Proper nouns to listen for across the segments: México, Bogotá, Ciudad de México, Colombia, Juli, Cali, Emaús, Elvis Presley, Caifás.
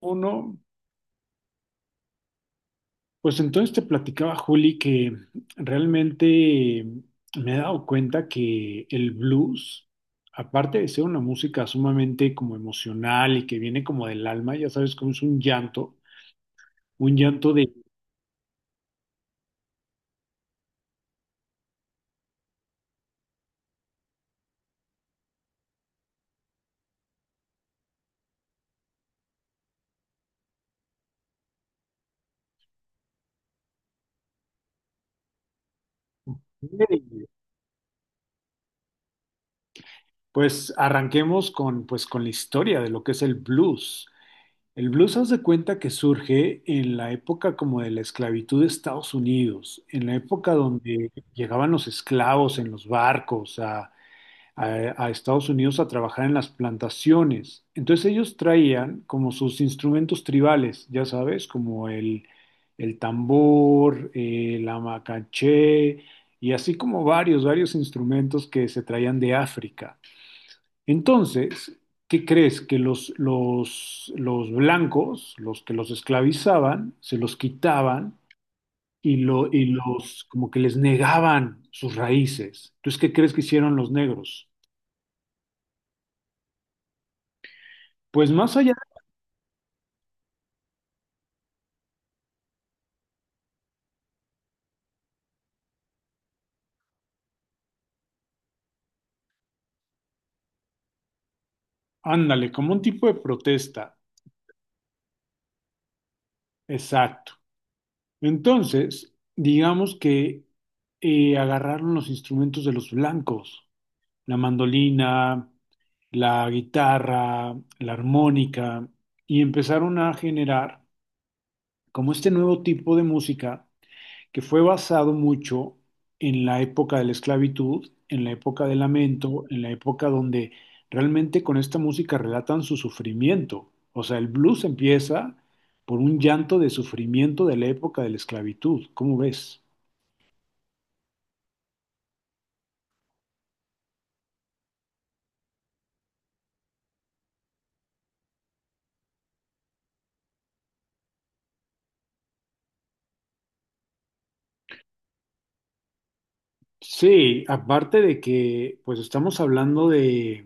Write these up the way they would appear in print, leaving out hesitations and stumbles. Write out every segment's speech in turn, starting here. Uno, pues entonces te platicaba, Juli, que realmente me he dado cuenta que el blues, aparte de ser una música sumamente como emocional y que viene como del alma, ya sabes cómo es un llanto de, pues arranquemos con, pues con la historia de lo que es el blues. El blues, haz de cuenta que surge en la época como de la esclavitud de Estados Unidos, en la época donde llegaban los esclavos en los barcos a Estados Unidos a trabajar en las plantaciones. Entonces ellos traían como sus instrumentos tribales, ya sabes, como el tambor, la macaché y así como varios, varios instrumentos que se traían de África. Entonces, ¿qué crees? Que los blancos, los que los esclavizaban, se los quitaban y, y los como que les negaban sus raíces. Entonces, ¿qué crees que hicieron los negros? Pues más allá. Ándale, como un tipo de protesta. Exacto. Entonces, digamos que agarraron los instrumentos de los blancos, la mandolina, la guitarra, la armónica, y empezaron a generar como este nuevo tipo de música que fue basado mucho en la época de la esclavitud, en la época del lamento, en la época donde realmente con esta música relatan su sufrimiento. O sea, el blues empieza por un llanto de sufrimiento de la época de la esclavitud. ¿Cómo ves? Sí, aparte de que pues estamos hablando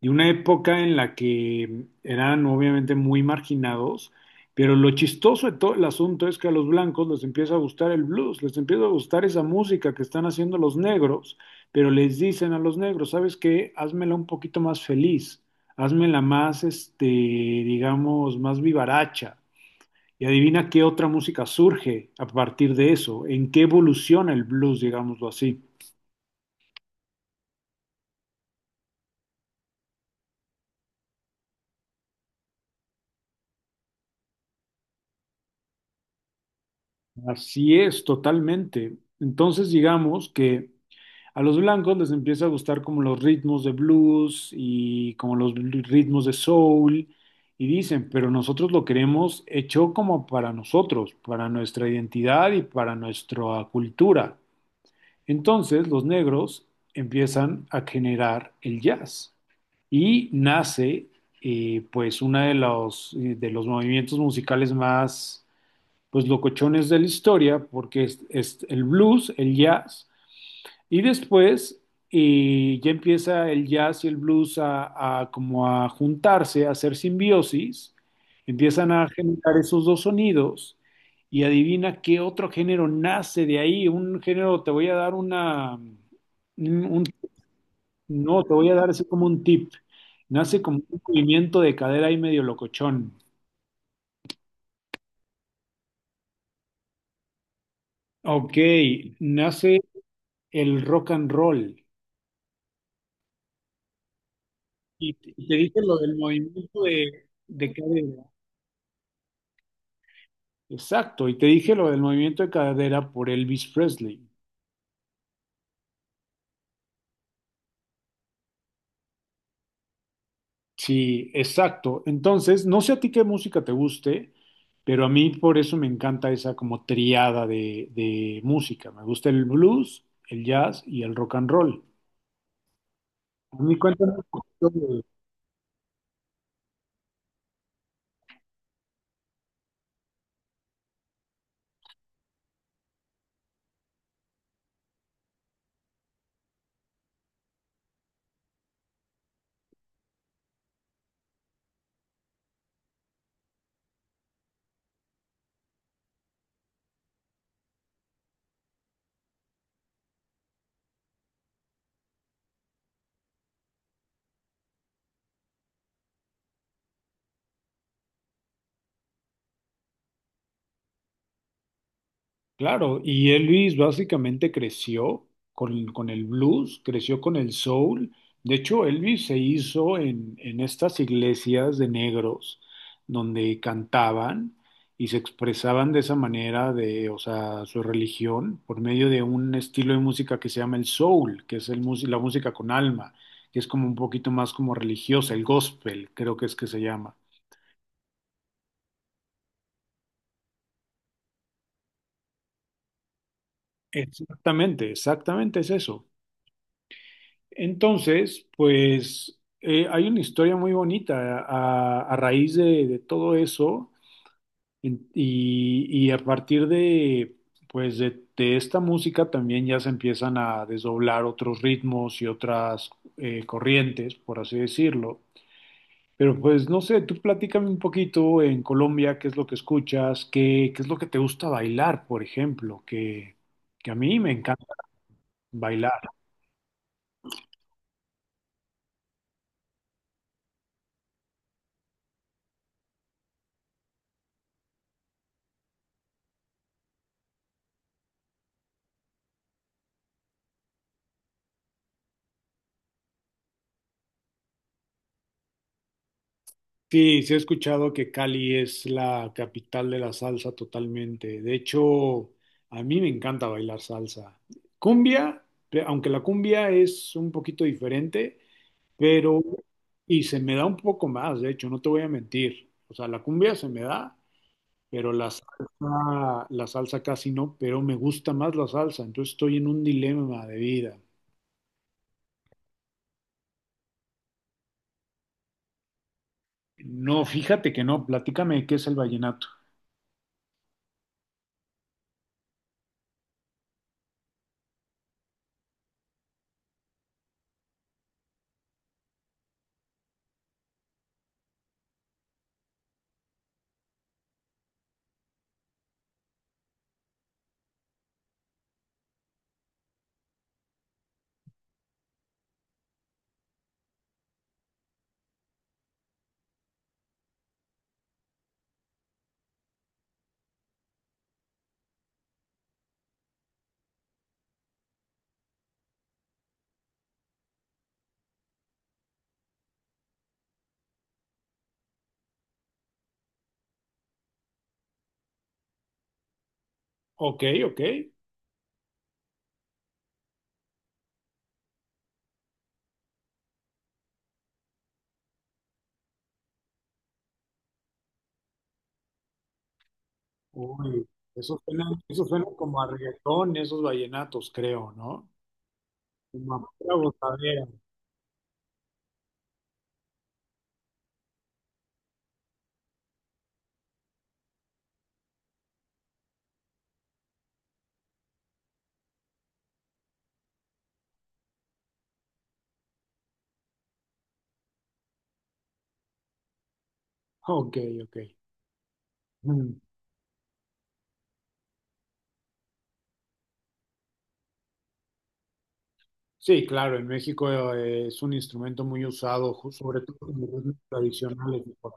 de una época en la que eran obviamente muy marginados, pero lo chistoso de todo el asunto es que a los blancos les empieza a gustar el blues, les empieza a gustar esa música que están haciendo los negros, pero les dicen a los negros, ¿sabes qué? Házmela un poquito más feliz, házmela más, este, digamos, más vivaracha. Y adivina qué otra música surge a partir de eso, en qué evoluciona el blues, digámoslo así. Así es, totalmente. Entonces, digamos que a los blancos les empieza a gustar como los ritmos de blues y como los ritmos de soul y dicen, pero nosotros lo queremos hecho como para nosotros, para nuestra identidad y para nuestra cultura. Entonces los negros empiezan a generar el jazz y nace pues uno de los movimientos musicales más pues locochones de la historia porque es el blues, el jazz y después ya empieza el jazz y el blues a como a juntarse, a hacer simbiosis, empiezan a generar esos dos sonidos y adivina qué otro género nace de ahí, un género, te voy a dar una, un- no, te voy a dar así como un tip, nace como un movimiento de cadera y medio locochón. Ok, nace el rock and roll. Y te dije lo del movimiento de cadera. Exacto, y te dije lo del movimiento de cadera por Elvis Presley. Sí, exacto. Entonces, no sé a ti qué música te guste, pero a mí por eso me encanta esa como triada de música. Me gusta el blues, el jazz y el rock and roll. A mí cuéntame un poquito. Claro, y Elvis básicamente creció con el blues, creció con el soul. De hecho, Elvis se hizo en estas iglesias de negros donde cantaban y se expresaban de esa manera de, o sea, su religión por medio de un estilo de música que se llama el soul, que es el, la música con alma, que es como un poquito más como religiosa, el gospel, creo que es que se llama. Exactamente, exactamente es eso. Entonces, pues hay una historia muy bonita a raíz de todo eso y a partir de, pues de esta música también ya se empiezan a desdoblar otros ritmos y otras corrientes, por así decirlo. Pero pues no sé, tú platícame un poquito en Colombia, qué es lo que escuchas, qué, qué es lo que te gusta bailar, por ejemplo, que a mí me encanta bailar. Sí, sí he escuchado que Cali es la capital de la salsa totalmente. De hecho, a mí me encanta bailar salsa. Cumbia, aunque la cumbia es un poquito diferente, pero y se me da un poco más, de hecho, no te voy a mentir. O sea, la cumbia se me da, pero la salsa casi no, pero me gusta más la salsa, entonces estoy en un dilema de vida. No, fíjate que no, platícame qué es el vallenato. Ok, ok. Uy, eso suena como a reggaetón, esos vallenatos, creo, ¿no? Como a pura gozadera. Ok, ok. Mm. Sí, claro, en México es un instrumento muy usado, sobre todo en los ritmos tradicionales. ¿No?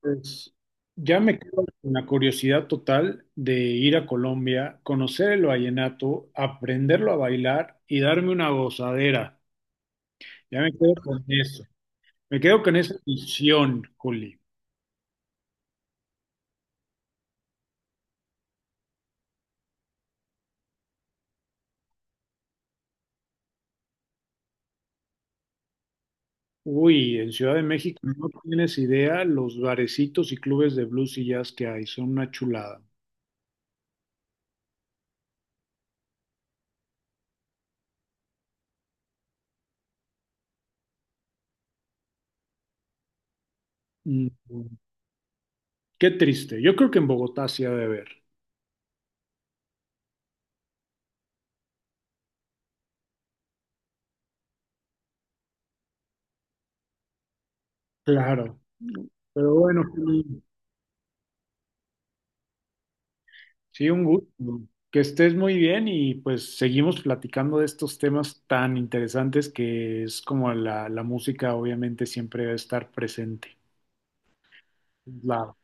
Pues, ya me quedo con la curiosidad total de ir a Colombia, conocer el vallenato, aprenderlo a bailar y darme una gozadera. Ya me quedo con eso. Me quedo con esa visión, Juli. Uy, en Ciudad de México no tienes idea los barecitos y clubes de blues y jazz que hay, son una chulada. Mm, qué triste. Yo creo que en Bogotá sí ha de haber. Claro. Pero bueno, Juli, sí, un gusto. Que estés muy bien y pues seguimos platicando de estos temas tan interesantes que es como la música obviamente siempre debe estar presente. Claro.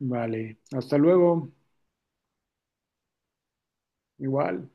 Vale, hasta luego. Igual.